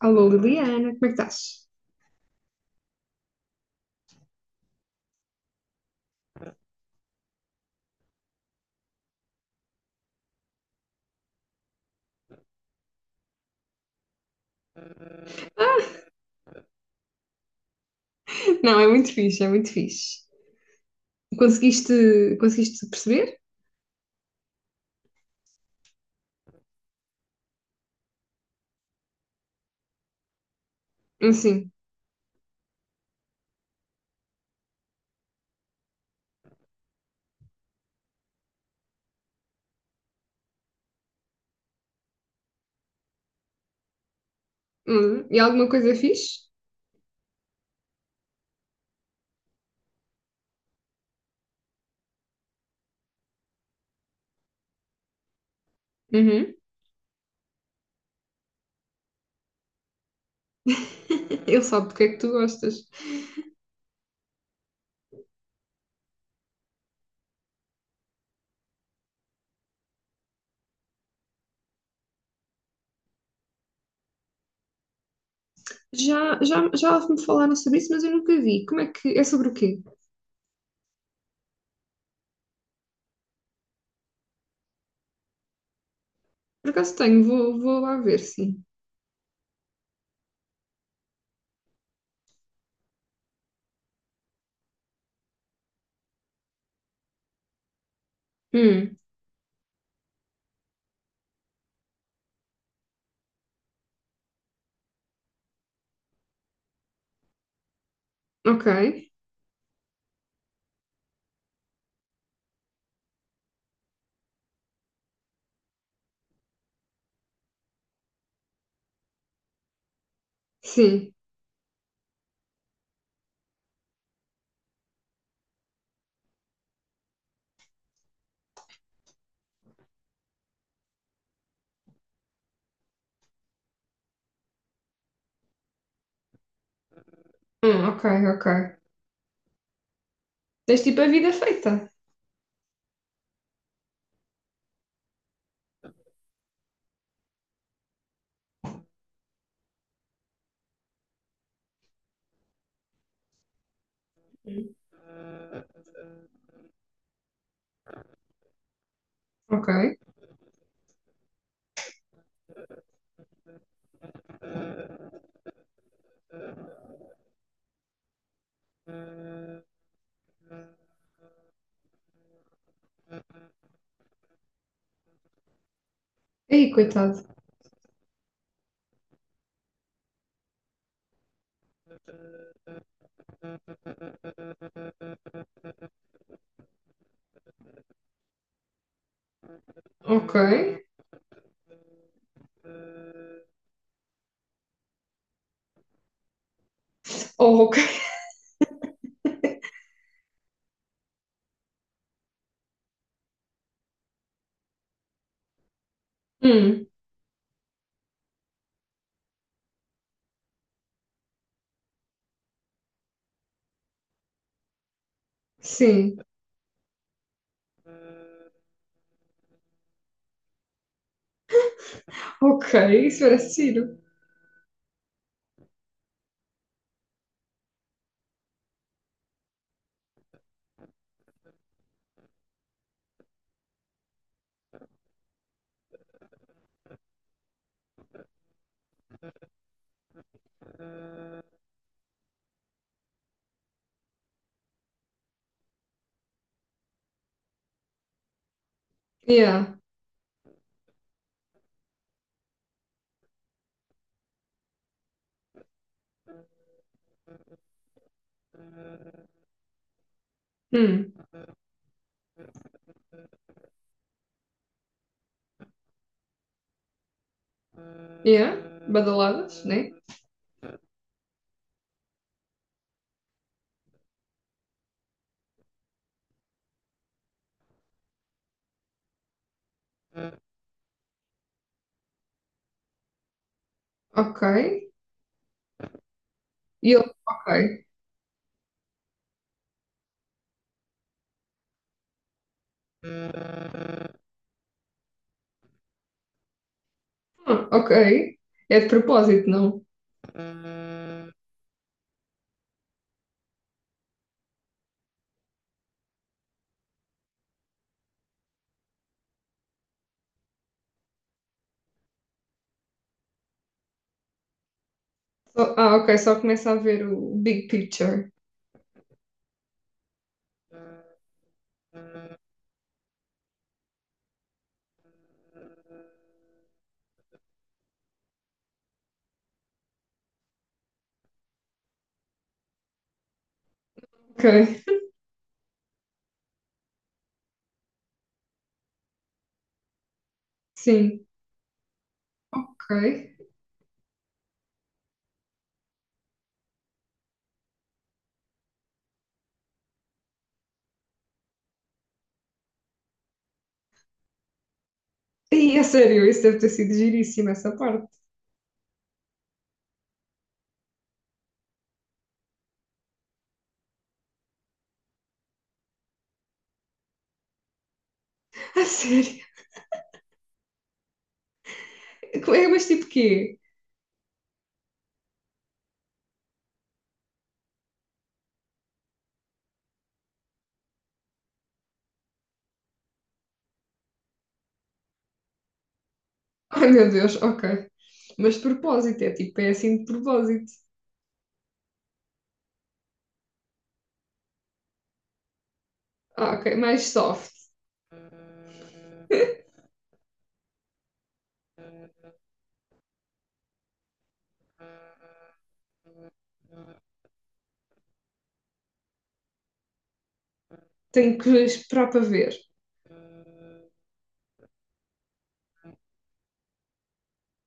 Alô Liliana, como é que estás? Ah, Não, é muito fixe, é muito fixe. Conseguiste, conseguiste perceber? Sim. E alguma coisa fixe? Uhum. Ele sabe do que é que tu gostas. Já, já, já me falaram sobre isso, mas eu nunca vi. Como é que, é sobre o quê? Por acaso tenho, vou, vou lá ver, sim. Hum, ok. Sim. Ok, ok. Tens tipo a vida feita. Hum. Ok. Ei, coitado. Ok. Oh, ok. Hum, sim. Ok, isso era giro. Yeah. Hum. Yeah. Badaladas, né? Ok. E ele, ok. Ah, ok. É de propósito, não? Ah, ok, só começa a ver o big picture. Ok, sim, ok. E a sério, isso deve ter sido giríssimo, essa parte. A sério. É, mas tipo quê? Ai meu Deus, ok. Mas de propósito, é tipo, é assim de propósito. Ah, ok, mais soft. Tenho que esperar para ver.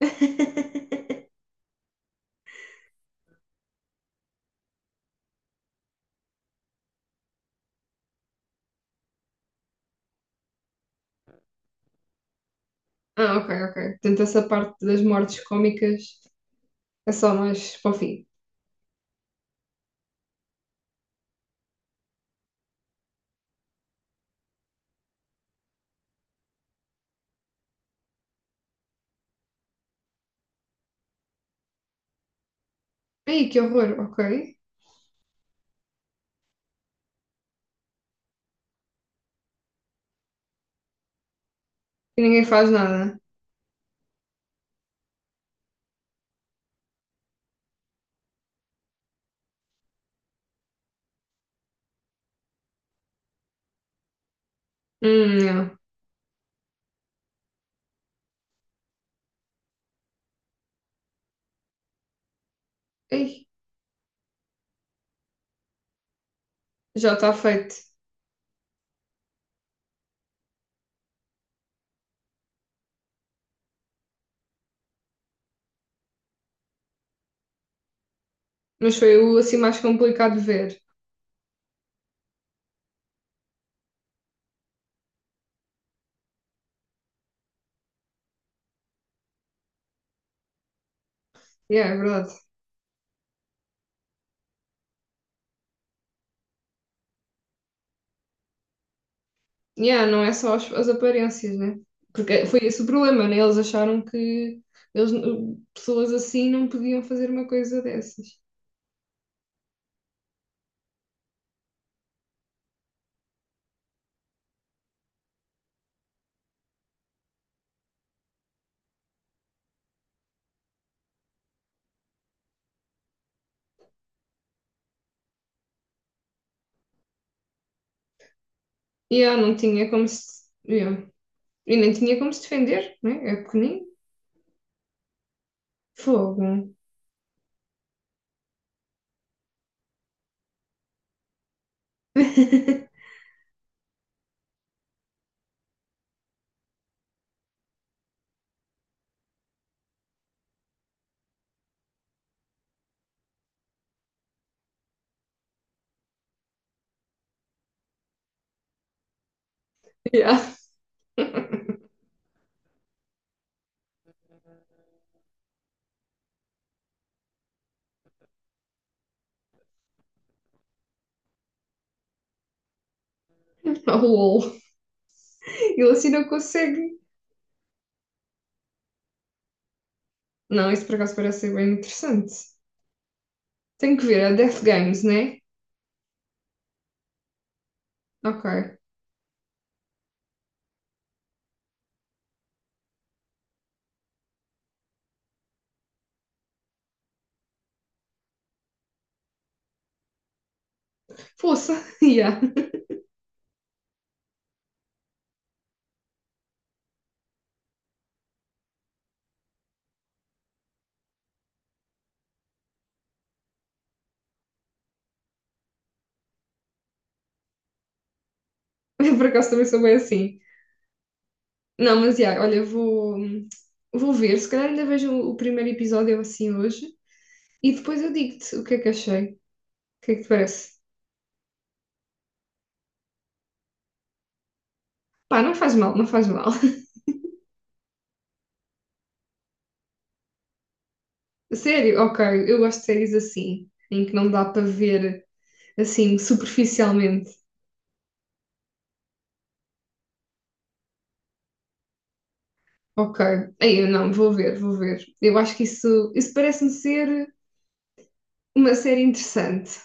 Ah, ok, ok. Portanto, essa parte das mortes cómicas é só mais para o fim. Ei, que horror, ok. E ninguém faz nada. Não. Ei, já está feito. Mas foi o assim mais complicado de ver. Yeah, é verdade. Yeah, não é só as, as aparências, né? Porque foi esse o problema, né? Eles acharam que eles, pessoas assim não podiam fazer uma coisa dessas. Yeah, não tinha como se. Yeah. E nem tinha como se defender, né? É é pequenino. Fogo. Yeah. Oh, lol. Ele assim não consegue. Não, isso por acaso parece ser bem interessante. Tenho que ver, a Death Games, né? Ok. Força. Yeah. Eu por acaso também sou bem assim. Não, mas yeah, olha, vou, vou ver. Se calhar ainda vejo o primeiro episódio assim hoje e depois eu digo-te o que é que achei. O que é que te parece? Pá, não faz mal, não faz mal. Sério, ok, eu gosto de séries assim, em que não dá para ver assim, superficialmente. Ok, aí eu não, vou ver, vou ver. Eu acho que isso parece-me ser uma série interessante.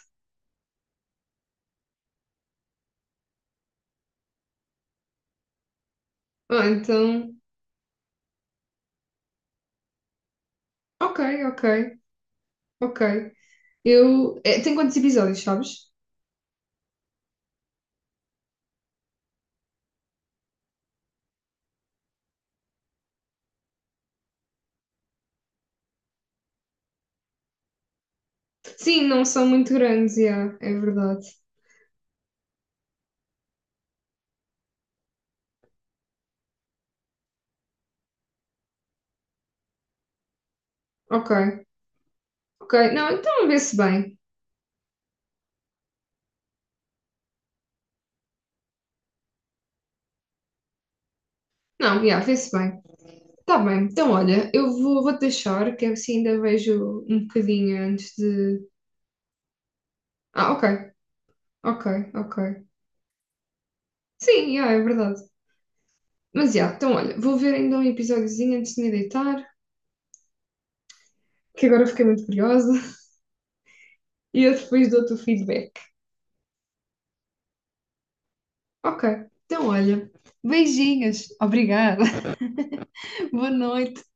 Ah, então, ok, ok, ok. Eu, é, tem quantos episódios, sabes? Sim, não são muito grandes, yeah, é verdade. Ok, ok. Não, então vê-se bem. Não, yeah, vê-se bem. Tá bem, então olha, eu vou, vou deixar, que assim ainda vejo um bocadinho antes de. Ah, ok, ok, ok. Sim, yeah, é verdade. Mas já, então olha, vou ver ainda um episódiozinho antes de me deitar, que agora fiquei muito curiosa, e eu depois dou-te o feedback. Ok, então olha, beijinhos, obrigada, boa noite.